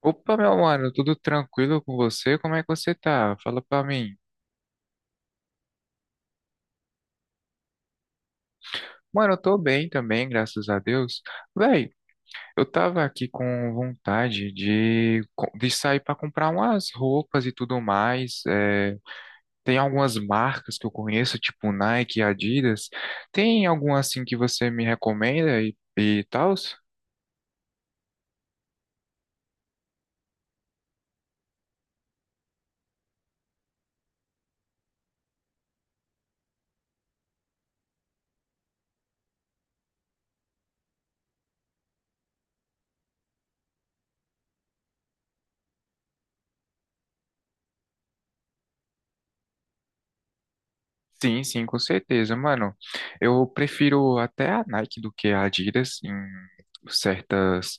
Opa, meu mano, tudo tranquilo com você? Como é que você tá? Fala pra mim. Mano, eu tô bem também, graças a Deus. Véi, eu tava aqui com vontade de sair pra comprar umas roupas e tudo mais. Tem algumas marcas que eu conheço, tipo Nike, Adidas. Tem alguma assim que você me recomenda e tal? Sim, sim, com certeza, mano. Eu prefiro até a Nike do que a Adidas em certas,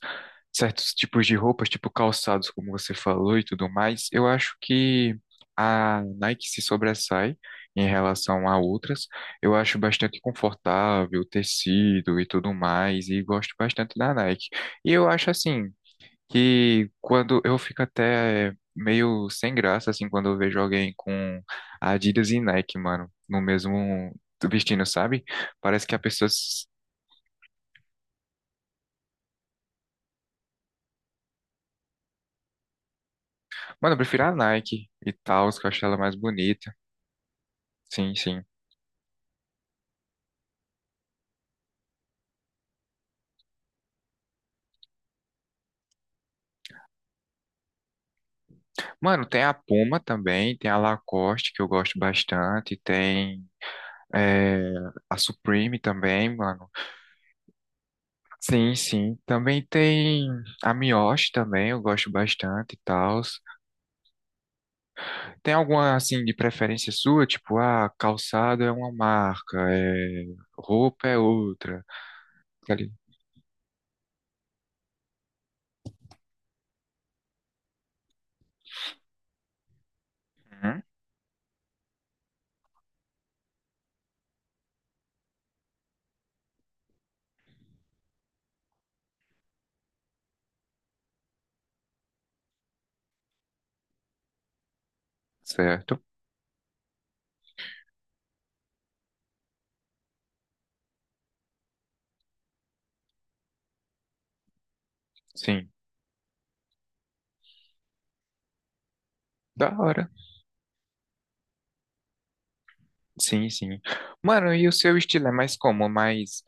certos tipos de roupas, tipo calçados, como você falou e tudo mais. Eu acho que a Nike se sobressai em relação a outras. Eu acho bastante confortável, tecido e tudo mais, e gosto bastante da Nike. E eu acho assim que quando eu fico até meio sem graça, assim, quando eu vejo alguém com Adidas e Nike, mano, no mesmo vestindo, sabe? Parece que a pessoa. Mano, eu prefiro a Nike e tal, que eu acho ela mais bonita. Sim, sim. Mano, tem a Puma também, tem a Lacoste, que eu gosto bastante, é, a Supreme também, mano. Sim, sim. Também tem a Miyoshi também, eu gosto bastante e tal. Tem alguma assim de preferência sua? Tipo, ah, calçado é uma marca. Roupa é outra. Tá Ali. Uhum. Certo. Sim. Da hora. Sim, sim. Mano, e o seu estilo é mais como? Mais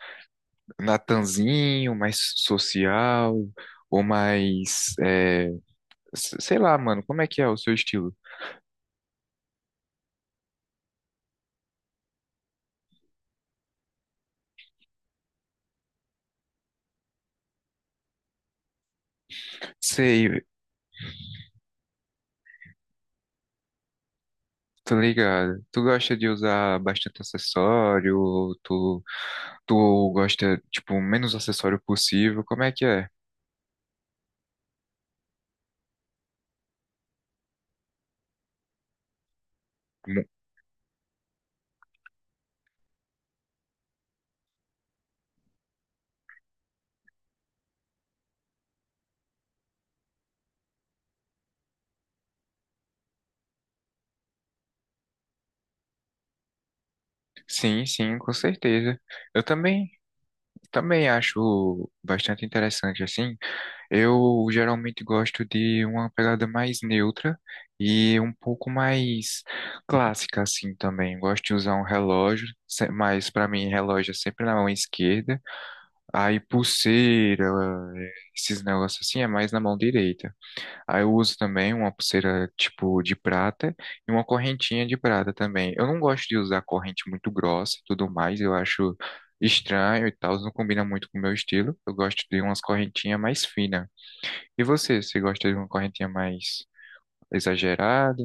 natanzinho, mais social, ou mais, sei lá, mano, como é que é o seu estilo? Sei, tô ligado. Tu gosta de usar bastante acessório, ou tu gosta, tipo, o menos acessório possível, como é que é? Sim, sim, com certeza. Eu também, também acho bastante interessante assim. Eu geralmente gosto de uma pegada mais neutra e um pouco mais clássica assim também. Gosto de usar um relógio, se- mas para mim relógio é sempre na mão esquerda. Aí pulseira, esses negócios assim é mais na mão direita. Aí eu uso também uma pulseira tipo de prata e uma correntinha de prata também. Eu não gosto de usar corrente muito grossa e tudo mais, eu acho estranho e tal, não combina muito com o meu estilo. Eu gosto de umas correntinhas mais finas. E você gosta de uma correntinha mais exagerada?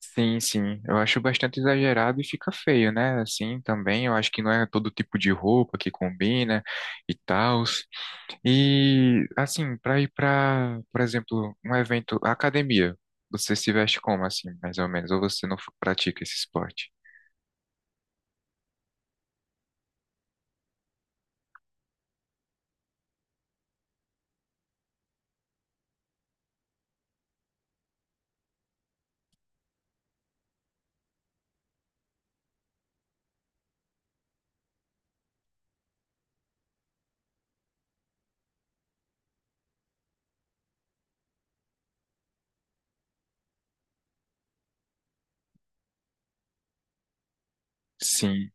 Sim, sim, eu acho bastante exagerado e fica feio, né? Assim também, eu acho que não é todo tipo de roupa que combina e tal. E assim, para ir por exemplo, um evento, academia, você se veste como assim, mais ou menos? Ou você não f- pratica esse esporte? Sim.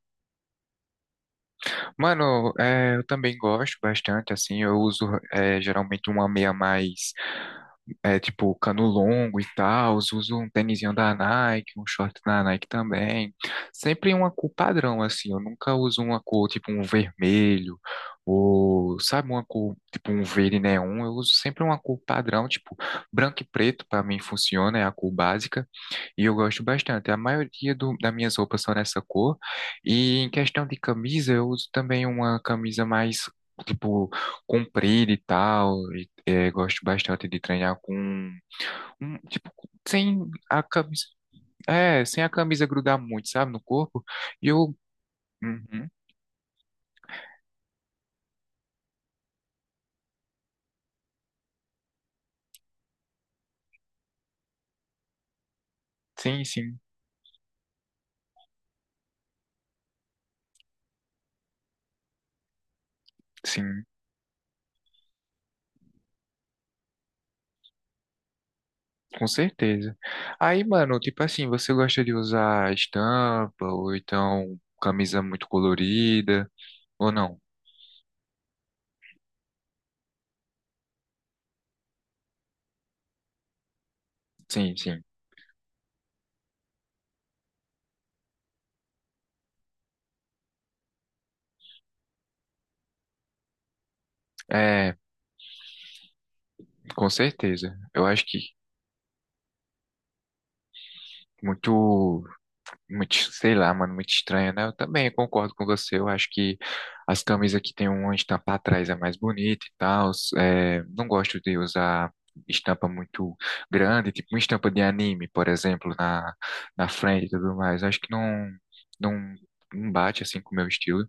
Mano, é, eu também gosto bastante, assim, eu uso geralmente uma meia mais, é, tipo, cano longo e tal, uso um tênisinho da Nike, um short da Nike também. Sempre uma cor padrão, assim, eu nunca uso uma cor, tipo, um vermelho, ou, sabe, uma cor, tipo, um verde neon, eu uso sempre uma cor padrão, tipo, branco e preto, pra mim funciona, é a cor básica, e eu gosto bastante. A maioria das minhas roupas são nessa cor, e em questão de camisa, eu uso também uma camisa mais, tipo, comprida e tal. E, é, gosto bastante de treinar com um, tipo sem a camisa, é, sem a camisa grudar muito, sabe, no corpo. E uhum, sim, sim, sim, com certeza. Aí, mano, tipo assim, você gosta de usar estampa ou então camisa muito colorida ou não? Sim, sim. É, com certeza. Eu acho que muito Muito, sei lá, mano, muito estranho, né? Eu também concordo com você. Eu acho que as camisas que tem uma estampa atrás é mais bonita e tal. É, não gosto de usar estampa muito grande, tipo uma estampa de anime, por exemplo, na frente e tudo mais. Acho que não, não bate assim com o meu estilo.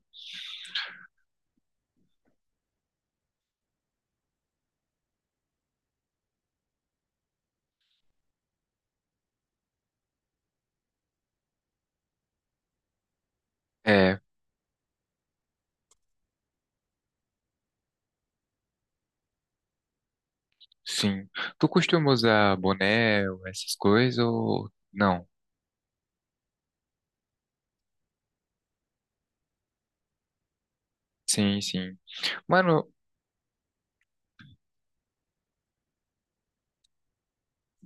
É, sim. Tu costuma usar boné, ou essas coisas ou não? Sim, sim. Mano,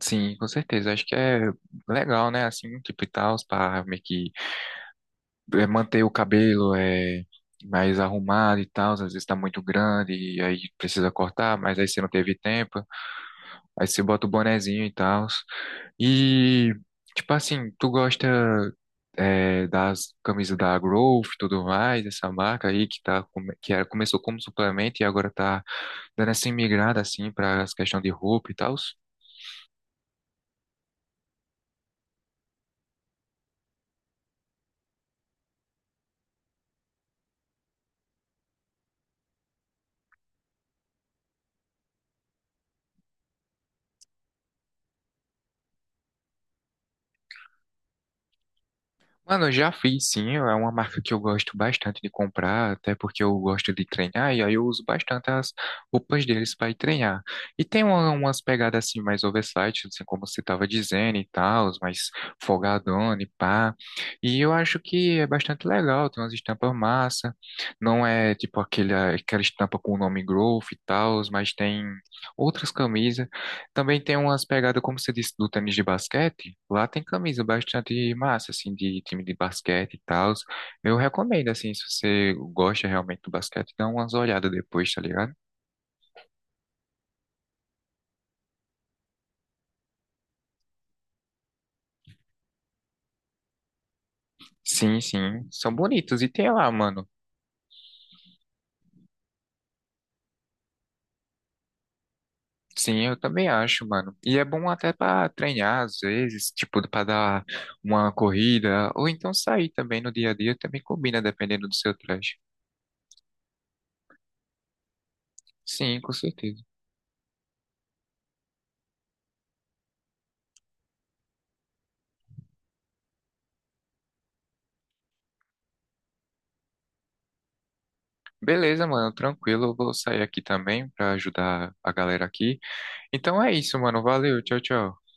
sim, com certeza. Acho que é legal, né? Assim, um tipo e tal, para meio que manter o cabelo, é, mais arrumado e tal. Às vezes tá muito grande e aí precisa cortar, mas aí você não teve tempo. Aí você bota o bonezinho e tal. E, tipo assim, tu gosta, é, das camisas da Growth e tudo mais, essa marca aí que começou como suplemento e agora tá dando essa migrada, assim, para as questões de roupa e tal? Mano, eu já fiz sim, é uma marca que eu gosto bastante de comprar, até porque eu gosto de treinar, e aí eu uso bastante as roupas deles para ir treinar. E tem umas pegadas assim mais oversight, assim como você estava dizendo e tal, mais folgadona e pá. E eu acho que é bastante legal, tem umas estampas massa, não é tipo aquela estampa com o nome Growth e tal, mas tem outras camisas. Também tem umas pegadas, como você disse, do tênis de basquete. Lá tem camisa bastante massa, assim, de time de basquete e tal. Eu recomendo, assim, se você gosta realmente do basquete, dá umas olhadas depois, tá ligado? Sim, sim. São bonitos. E tem lá, mano. Sim, eu também acho, mano. E é bom até pra treinar, às vezes, tipo, pra dar uma corrida. Ou então sair também no dia a dia, também combina, dependendo do seu traje. Sim, com certeza. Beleza, mano, tranquilo. Eu vou sair aqui também pra ajudar a galera aqui. Então é isso, mano. Valeu. Tchau, tchau.